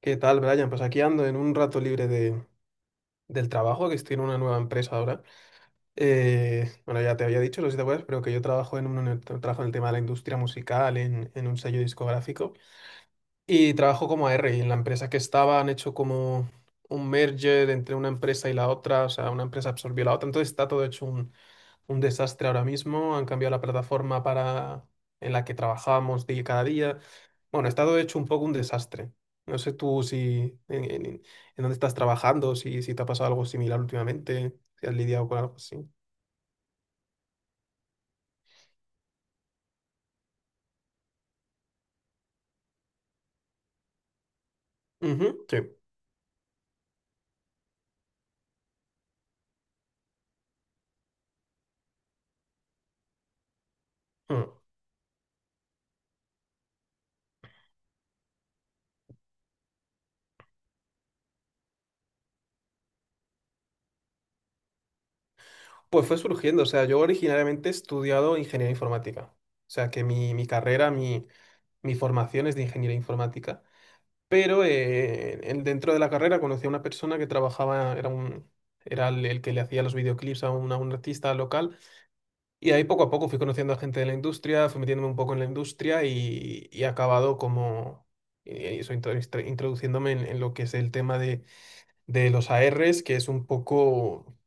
¿Qué tal, Brian? Pues aquí ando en un rato libre del trabajo, que estoy en una nueva empresa ahora. Bueno, ya te había dicho, no sé si te acuerdas, pero que yo trabajo en el tema de la industria musical, en un sello discográfico. Y trabajo como AR y en la empresa que estaba han hecho como un merger entre una empresa y la otra, o sea, una empresa absorbió la otra, entonces está todo hecho un desastre ahora mismo, han cambiado la plataforma para en la que trabajamos cada día. Bueno, está todo hecho un poco un desastre. No sé tú si en dónde estás trabajando, si te ha pasado algo similar últimamente, si has lidiado con algo así. Ujú, sí. Mm. Pues fue surgiendo, o sea, yo originariamente he estudiado ingeniería informática. O sea, que mi carrera, mi formación es de ingeniería informática, pero dentro de la carrera conocí a una persona que trabajaba, era el que le hacía los videoclips a un artista local, y ahí poco a poco fui conociendo a gente de la industria, fui metiéndome un poco en la industria y he acabado como, eso, introduciéndome en lo que es el tema de los ARs, que es un poco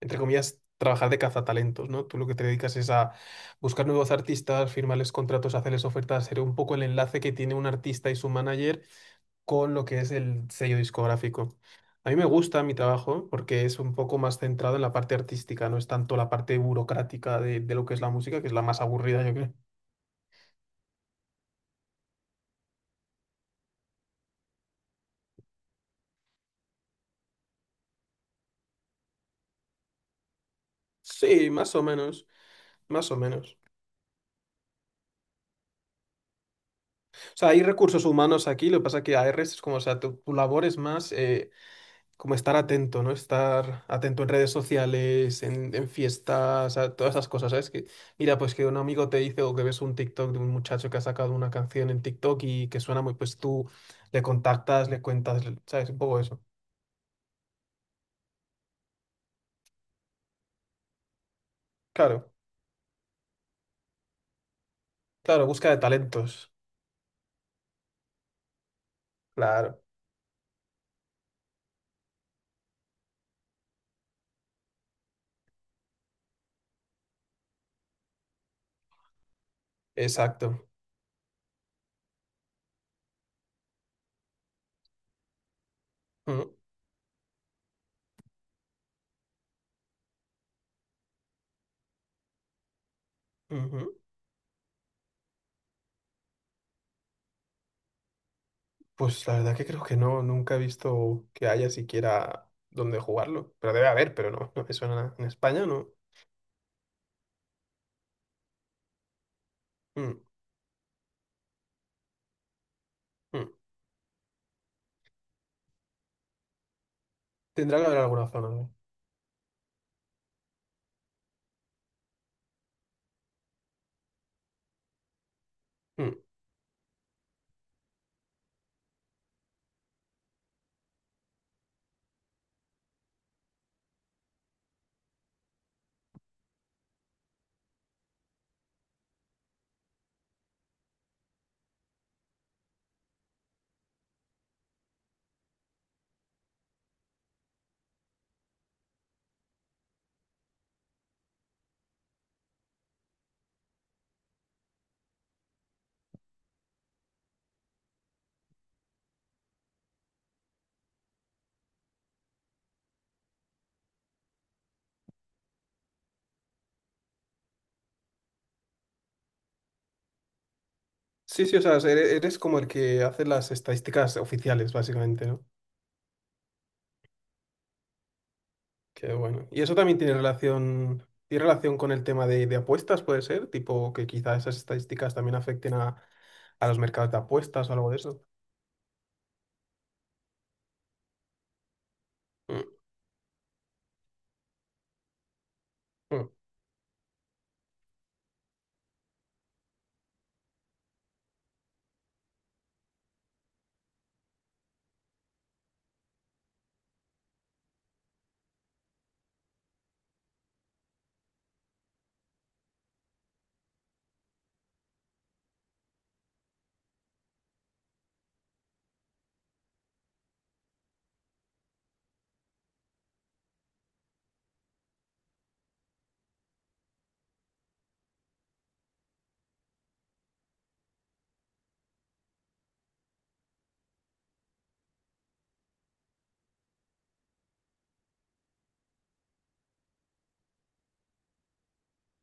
entre comillas, trabajar de cazatalentos, ¿no? Tú lo que te dedicas es a buscar nuevos artistas, firmarles contratos, hacerles ofertas, ser un poco el enlace que tiene un artista y su manager con lo que es el sello discográfico. A mí me gusta mi trabajo porque es un poco más centrado en la parte artística, no es tanto la parte burocrática de lo que es la música, que es la más aburrida, yo creo. Sí, más o menos, más o menos. O sea, hay recursos humanos aquí, lo que pasa es que AR es como, o sea, tu labor es más como estar atento, ¿no? Estar atento en redes sociales, en fiestas, a todas esas cosas, ¿sabes? Que, mira, pues que un amigo te dice o que ves un TikTok de un muchacho que ha sacado una canción en TikTok y que suena muy, pues tú le contactas, le cuentas, ¿sabes? Un poco eso. Claro, claro, busca de talentos. Claro, exacto. Mm, ujú. Pues la verdad que creo que no, nunca he visto que haya siquiera dónde jugarlo. Pero debe haber, pero no, no me suena nada. En España no. Mm, mm. Tendrá que haber alguna zona, ¿no? Mm. Sí, sí, o sea, eres como el que hace las estadísticas oficiales, básicamente, ¿no? Qué bueno. Y eso también tiene relación con el tema de apuestas, puede ser, tipo que quizá esas estadísticas también afecten a los mercados de apuestas o algo de eso. Mm, mm,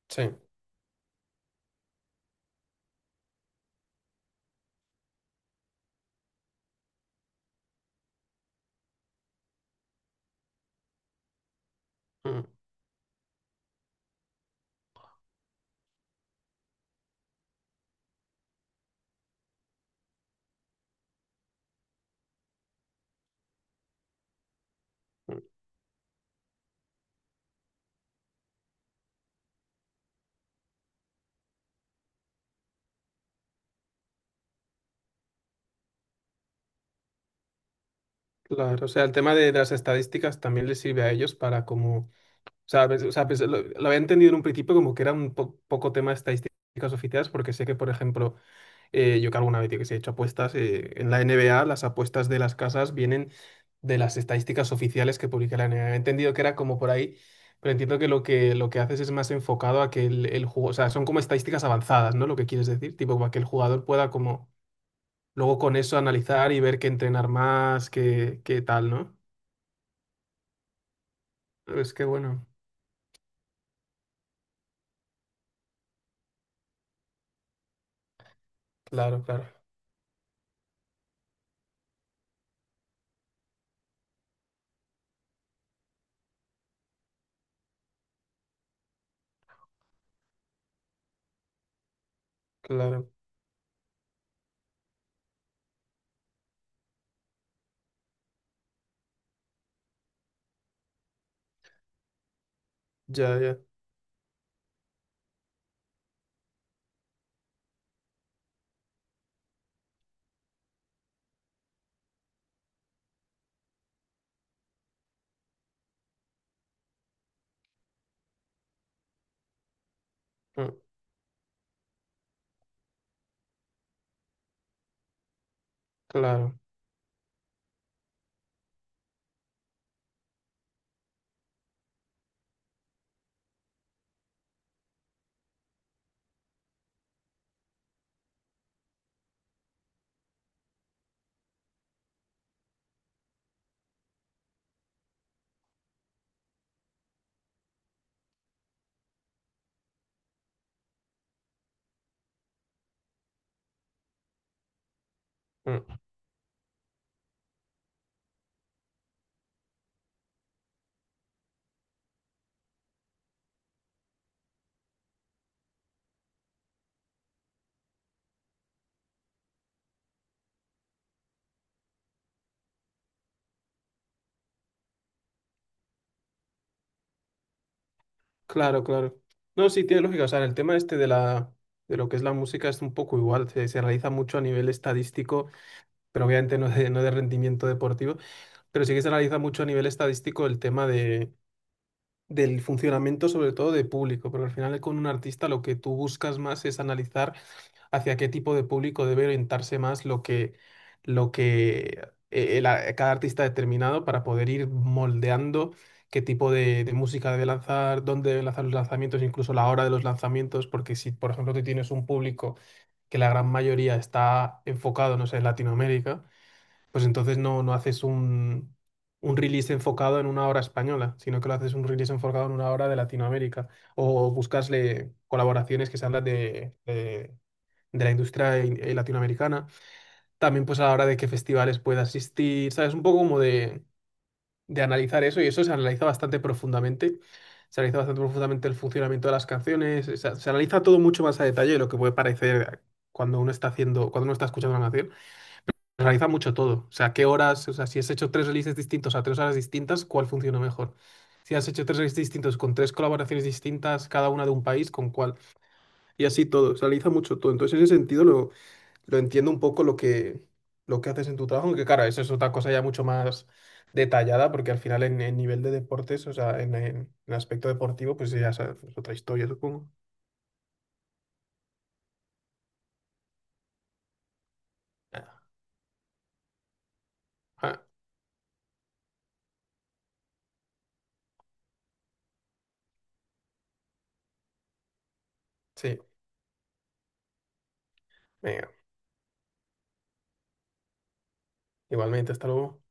sí. Mm, mm. Claro, o sea, el tema de las estadísticas también les sirve a ellos para como, o sea, o sea, pues, lo había entendido en un principio como que era un poco tema de estadísticas oficiales, porque sé que, por ejemplo, yo que alguna vez, yo que sé, he hecho apuestas. En la NBA, las apuestas de las casas vienen de las estadísticas oficiales que publica la NBA. He entendido que era como por ahí, pero entiendo que lo que haces es más enfocado a que el juego, o sea, son como estadísticas avanzadas, ¿no? Lo que quieres decir, tipo, para que el jugador pueda como luego con eso analizar y ver qué entrenar más, qué tal, ¿no? Es que bueno, claro, claro, claro, ya, ya, mm, claro. Mm. Claro, claro. No, sí, tiene lógica. O sea, el tema este de lo que es la música es un poco igual. Se realiza mucho a nivel estadístico, pero obviamente no de rendimiento deportivo. Pero sí que se realiza mucho a nivel estadístico el tema del funcionamiento, sobre todo de público. Porque al final, con un artista, lo que tú buscas más es analizar hacia qué tipo de público debe orientarse más lo que el a- cada artista ha determinado para poder ir moldeando qué tipo de música debe lanzar, dónde debe lanzar los lanzamientos, incluso la hora de los lanzamientos, porque si, por ejemplo, tú tienes un público que la gran mayoría está enfocado, no sé, en Latinoamérica, pues entonces no haces un release enfocado en una hora española, sino que lo haces un release enfocado en una hora de Latinoamérica o buscasle colaboraciones que se hablan de la industria latinoamericana. También pues a la hora de qué festivales puede asistir, ¿sabes? Un poco como de analizar eso y eso se analiza bastante profundamente. Se analiza bastante profundamente el funcionamiento de las canciones, o sea, se analiza todo mucho más a detalle de lo que puede parecer cuando uno está escuchando una canción. Se analiza mucho todo, o sea, qué horas, o sea, si has hecho tres releases distintos a tres horas distintas, ¿cuál funciona mejor? Si has hecho tres releases distintos con tres colaboraciones distintas, cada una de un país, ¿con cuál? Y así todo, se analiza mucho todo. Entonces, en ese sentido, lo entiendo un poco lo que haces en tu trabajo, aunque claro, eso es otra cosa ya mucho más detallada, porque al final en el nivel de deportes, o sea, en el aspecto deportivo, pues ya sabes, es otra historia, supongo. Ah, ah, sí, venga, igualmente, hasta luego.